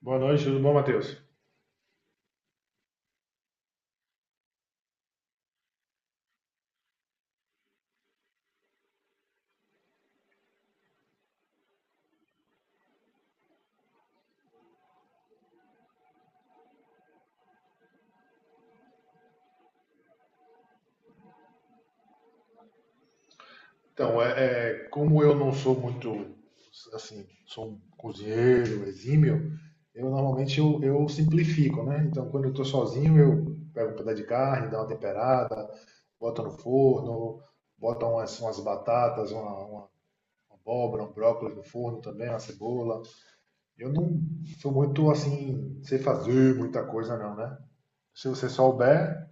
Boa noite, tudo bom, Matheus? Então, como eu não sou muito, assim, sou um cozinheiro um exímio, eu normalmente eu simplifico, né? Então, quando eu estou sozinho, eu pego um pedaço de carne, dou uma temperada, boto no forno, boto umas batatas, uma abóbora, um brócolis no forno também, uma cebola. Eu não sou muito, assim, sei fazer muita coisa não, né? Se você souber,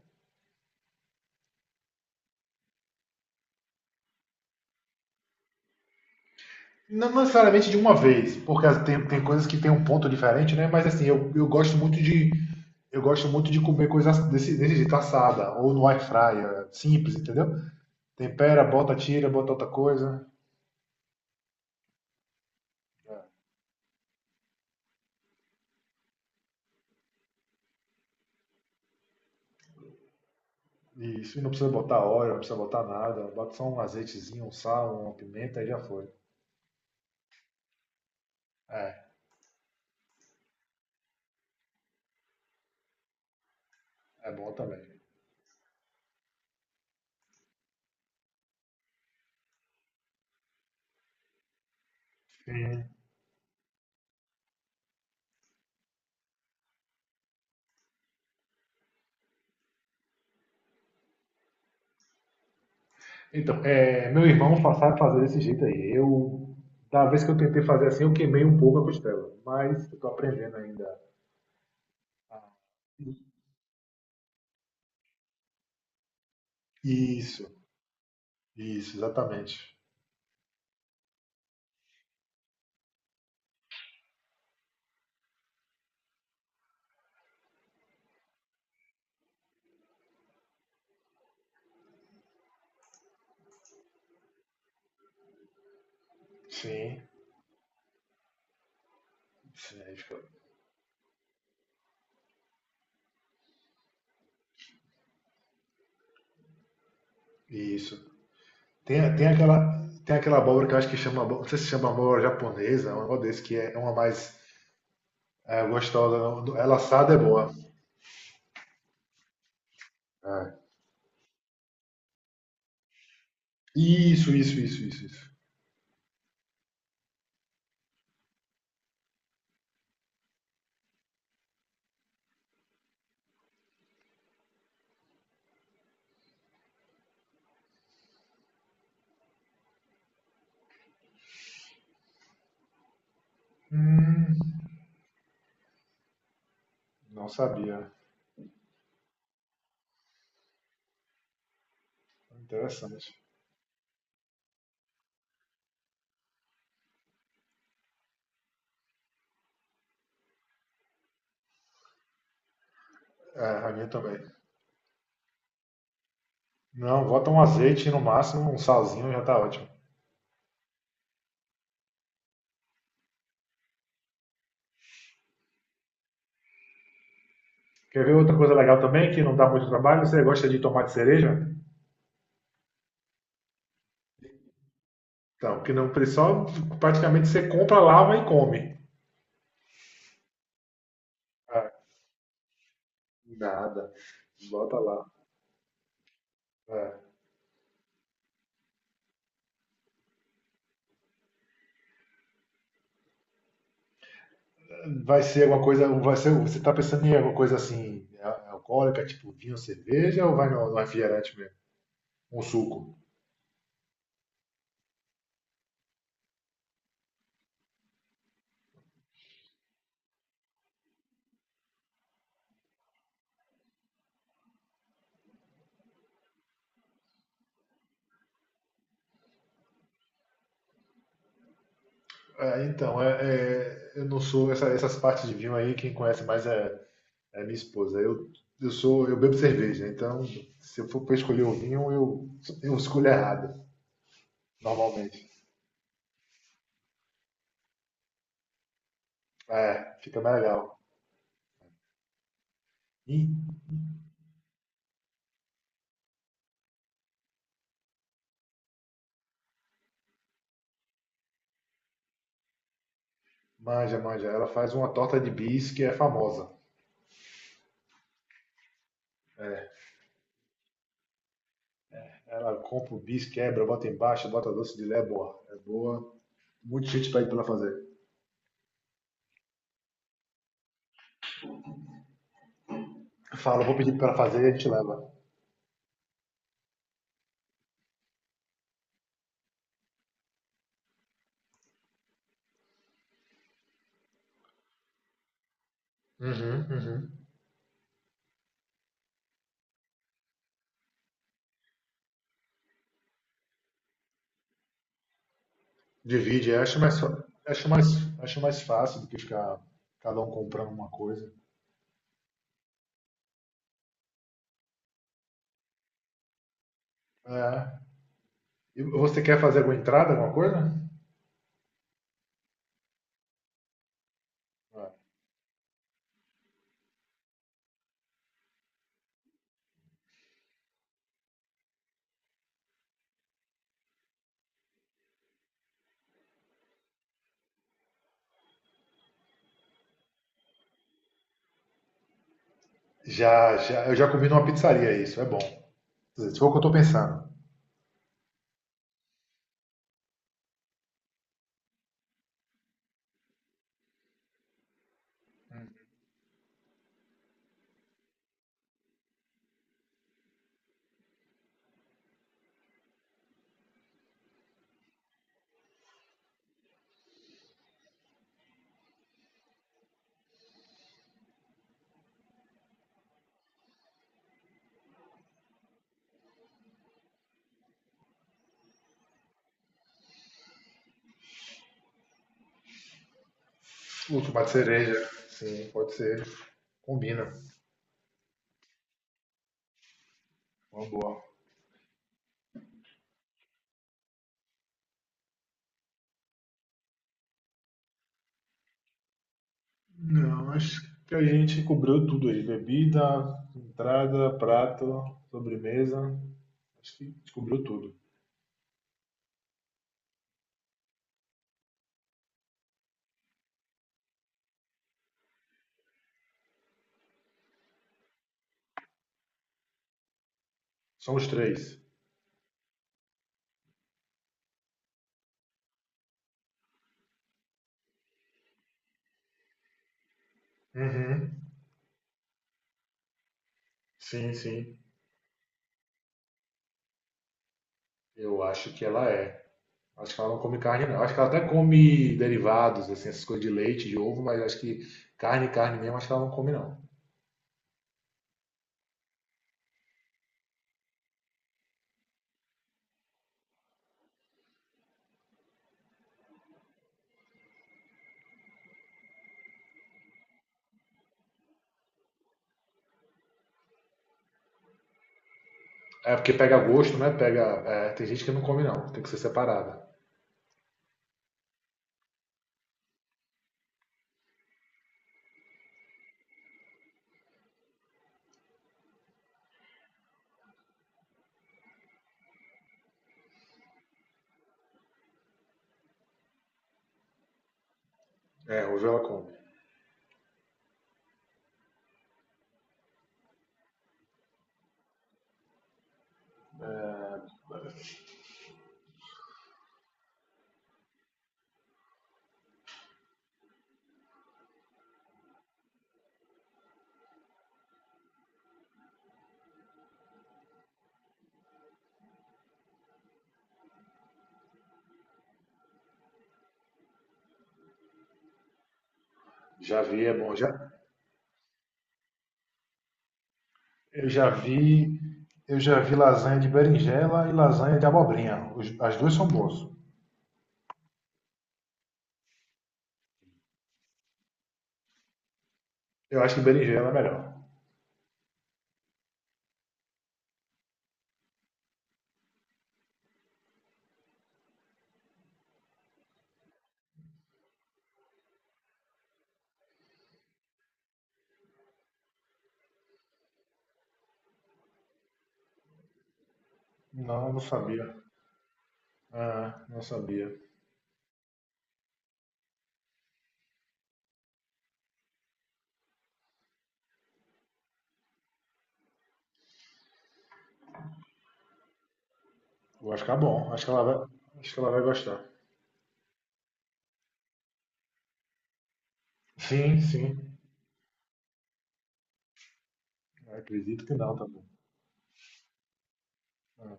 não necessariamente de uma vez, porque tem, tem coisas que tem um ponto diferente, né? Mas assim, eu gosto muito de eu gosto muito de comer coisas desse jeito, assada, ou no air fryer, simples, entendeu? Tempera, bota, tira, bota outra coisa. É. Isso, e não precisa botar óleo, não precisa botar nada. Bota só um azeitezinho, um sal, uma pimenta e já foi. É, é bom também. Sim. Então, é, meu irmão sabe fazer desse jeito aí. Eu, da vez que eu tentei fazer assim, eu queimei um pouco a costela, mas eu tô aprendendo ainda. Isso, isso, exatamente. Sim, sim, isso. Tem, tem aquela, tem aquela abóbora que eu acho que chama, não sei se chama abóbora japonesa, é um negócio desse que é uma mais é, gostosa, ela assada é boa. É. Isso, isso, isso, isso, isso. Hum, não sabia. Interessante. É, a minha também. Não, bota um azeite no máximo, um salzinho já tá ótimo. Quer ver outra coisa legal também, que não dá muito trabalho? Você gosta de tomate cereja? Então, que não só praticamente você compra, lava e come. Nada. Bota lá. É. Vai ser alguma coisa. Vai ser, você tá pensando em alguma coisa assim, alcoólica, tipo vinho, cerveja, ou vai no, no refrigerante mesmo? Um suco? É, então, eu não sou. Essas partes de vinho aí, quem conhece mais é, é minha esposa. Eu sou. Eu bebo cerveja, então se eu for pra escolher o vinho, eu escolho errado, normalmente. É, fica mais legal. Ih, manja, manja. Ela faz uma torta de bis que é famosa. Cara, compra o bis, quebra, bota embaixo, bota doce de lé, é boa. É boa. Muita gente pede pra ela fazer. Fala, vou pedir pra ela fazer e a gente leva. Uhum, uhum. Divide, eu acho mais, fa- acho mais fácil do que ficar cada um comprando uma coisa. É. E você quer fazer alguma entrada, alguma coisa? Já, já, eu já comi numa pizzaria isso, é bom. Quer dizer, se for o que eu tô pensando. O tomate cereja, sim, pode ser. Combina. Uma boa. Não, acho que a gente cobrou tudo aí. Bebida, entrada, prato, sobremesa. Acho que cobriu tudo. São os três. Uhum. Sim, sim. Eu acho que ela é. Acho que ela não come carne, não. Acho que ela até come derivados, assim, essas coisas de leite, de ovo, mas acho que carne, carne mesmo, acho que ela não come, não. É porque pega gosto, né? Pega. É, tem gente que não come, não. Tem que ser separada. É, hoje ela come. Já vi, é bom. Já, eu já vi, eu já vi lasanha de berinjela e lasanha de abobrinha. As duas são boas. Eu acho que berinjela é melhor. Não, eu não sabia. Ah, não sabia. Eu acho que é bom. Acho que ela vai, acho que ela vai gostar. Sim, sim. Eu acredito que não também. Ah,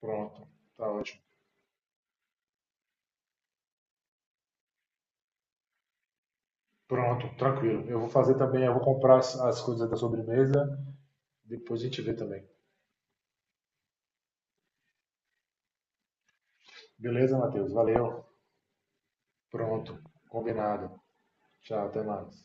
pronto, tá ótimo. Pronto, tranquilo. Eu vou fazer também, eu vou comprar as, as coisas da sobremesa, depois a gente vê também. Beleza, Matheus? Valeu. Pronto, combinado. Tchau, até mais.